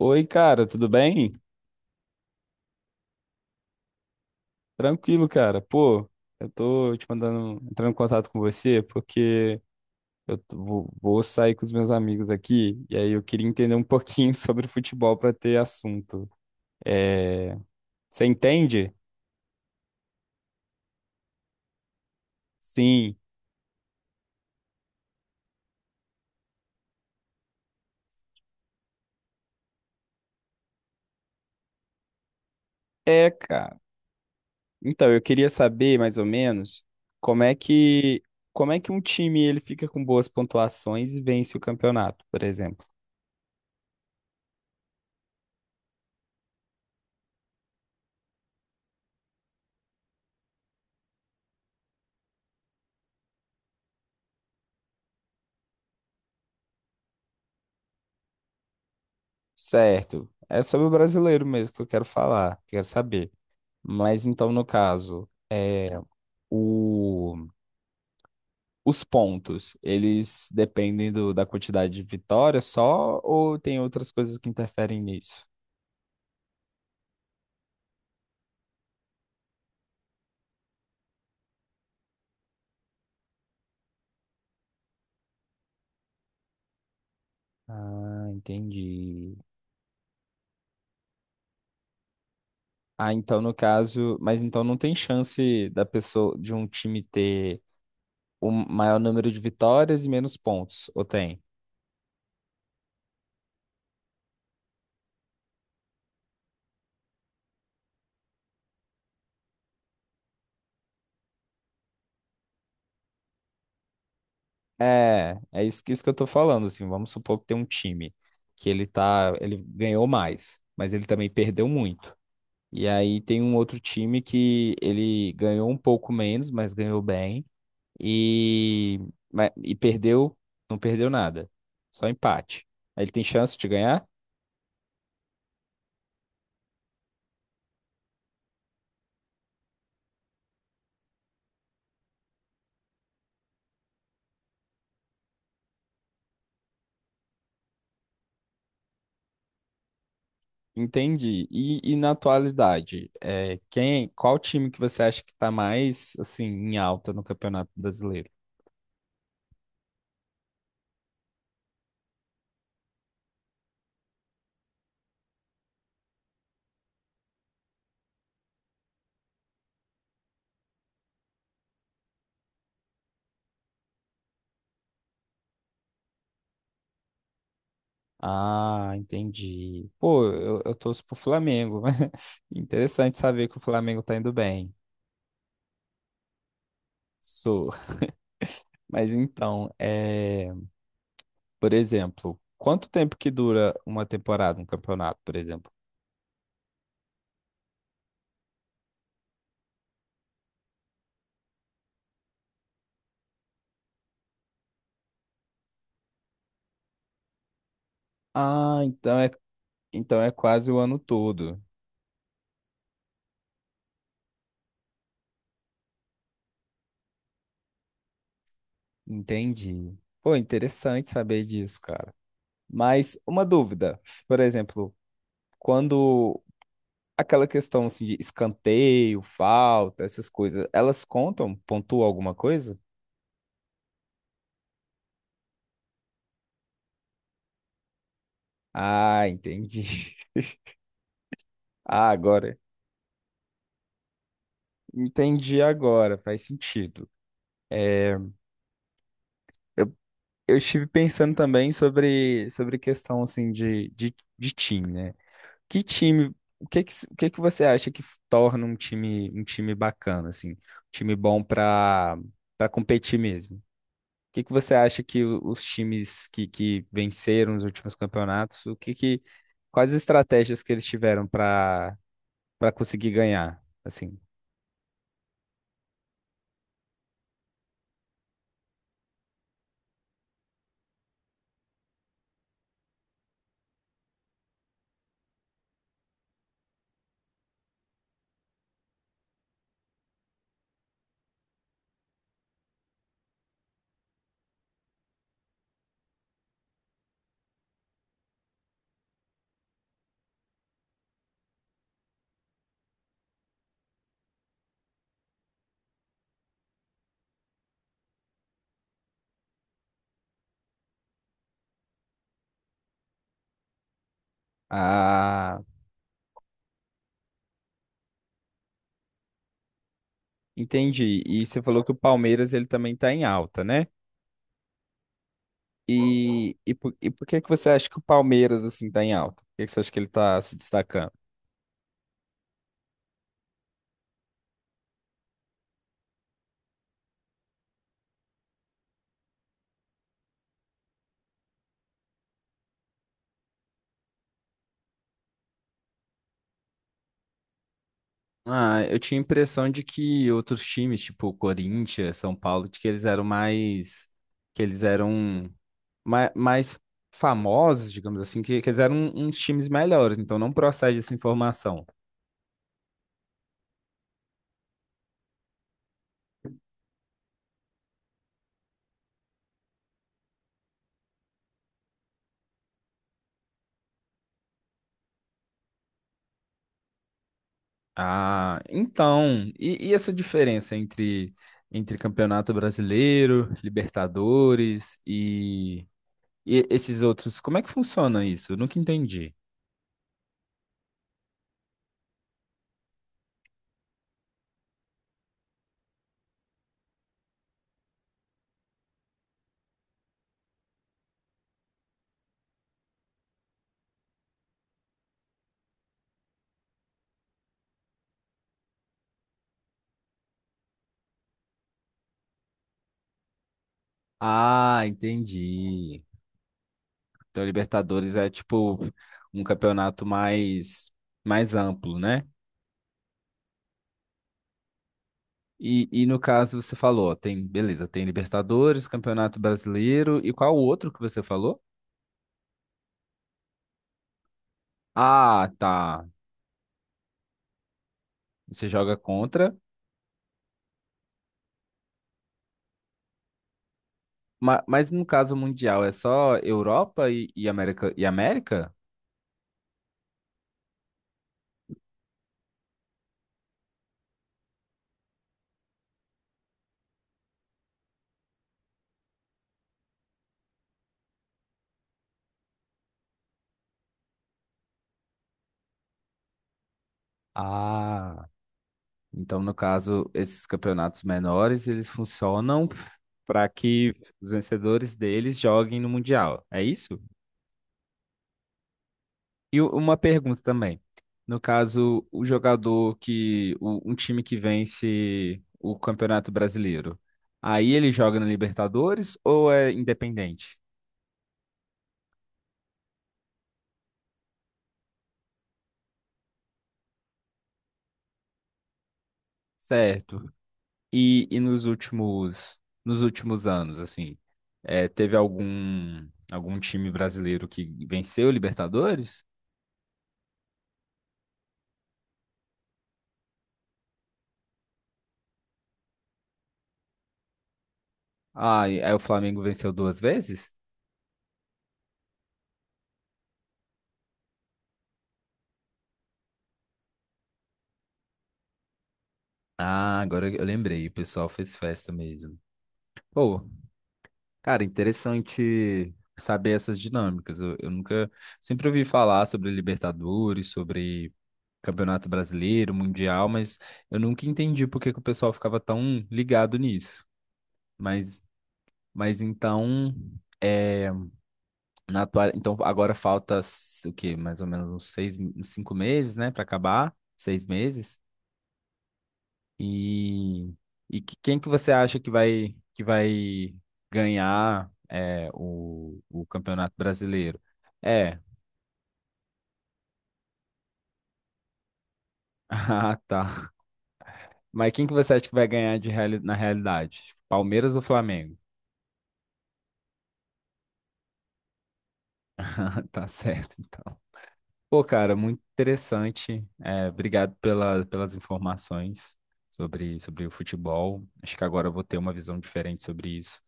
Oi, cara, tudo bem? Tranquilo, cara. Pô, eu tô te mandando, entrando em contato com você porque vou sair com os meus amigos aqui e aí eu queria entender um pouquinho sobre futebol pra ter assunto. É, você entende? Sim. É, cara. Então, eu queria saber mais ou menos como é que como é que um time ele fica com boas pontuações e vence o campeonato, por exemplo. Certo. É sobre o brasileiro mesmo que eu quero falar, quero saber. Mas então, no caso, é, o, os pontos, eles dependem da quantidade de vitórias só ou tem outras coisas que interferem nisso? Ah, entendi. Ah, então no caso, mas então não tem chance da pessoa de um time ter o maior número de vitórias e menos pontos, ou tem? É isso, isso que eu tô falando, assim, vamos supor que tem um time que ele ganhou mais, mas ele também perdeu muito. E aí tem um outro time que ele ganhou um pouco menos, mas ganhou bem. E, e perdeu, não perdeu nada. Só empate. Ele tem chance de ganhar? Entendi. E na atualidade, qual time que você acha que está mais assim em alta no Campeonato Brasileiro? Ah, entendi. Pô, eu torço pro Flamengo. Interessante saber que o Flamengo tá indo bem. Sou. Mas então, é. Por exemplo, quanto tempo que dura uma temporada, um campeonato, por exemplo? Ah, então é quase o ano todo. Entendi. Pô, interessante saber disso, cara. Mas uma dúvida, por exemplo, quando aquela questão assim, de escanteio, falta, essas coisas, elas contam, pontuam alguma coisa? Ah, entendi. Ah, agora. Entendi agora, faz sentido. É, eu estive pensando também sobre questão assim de time, né? Que time, o que que você acha que torna um time bacana assim, um time bom para competir mesmo? O que que você acha que os times que venceram os últimos campeonatos, o que que quais as estratégias que eles tiveram para conseguir ganhar, assim? Ah, entendi. E você falou que o Palmeiras ele também está em alta, né? E por que que você acha que o Palmeiras, assim, tá em alta? Por que que você acha que ele tá se destacando? Ah, eu tinha a impressão de que outros times, tipo Corinthians, São Paulo, de que que eles eram mais famosos, digamos assim, que eles eram uns times melhores, então não procede essa informação. Ah, então, e essa diferença entre Campeonato Brasileiro, Libertadores e esses outros, como é que funciona isso? Eu nunca entendi. Ah, entendi. Então, Libertadores é tipo um campeonato mais amplo, né? E no caso, você falou, ó, tem, beleza, tem Libertadores, Campeonato Brasileiro, e qual o outro que você falou? Ah, tá. Você joga contra, mas, no caso mundial é só Europa e América e América? Ah, então no caso, esses campeonatos menores, eles funcionam para que os vencedores deles joguem no Mundial. É isso? E uma pergunta também. No caso, o jogador que. O- um time que vence o Campeonato Brasileiro. Aí ele joga na Libertadores ou é independente? Certo. E nos últimos, anos, assim, teve algum time brasileiro que venceu o Libertadores? Ah, aí o Flamengo venceu duas vezes? Ah, agora eu lembrei, o pessoal fez festa mesmo. Pô, cara, interessante saber essas dinâmicas. Eu nunca, sempre ouvi falar sobre Libertadores, sobre Campeonato Brasileiro, Mundial, mas eu nunca entendi por que que o pessoal ficava tão ligado nisso. Mas, mas então, é, então agora falta o quê? Mais ou menos uns seis, uns 5 meses, né, para acabar? 6 meses? E, e quem que você acha que vai ganhar o Campeonato Brasileiro? É. Ah, tá. Mas quem que você acha que vai ganhar na realidade? Tipo, Palmeiras ou Flamengo? Ah, tá certo, então. Pô, cara, muito interessante. É, obrigado pelas informações sobre o futebol. Acho que agora eu vou ter uma visão diferente sobre isso.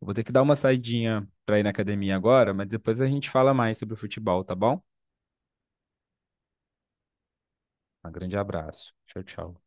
Eu vou ter que dar uma saidinha para ir na academia agora, mas depois a gente fala mais sobre o futebol, tá bom? Um grande abraço. Tchau, tchau.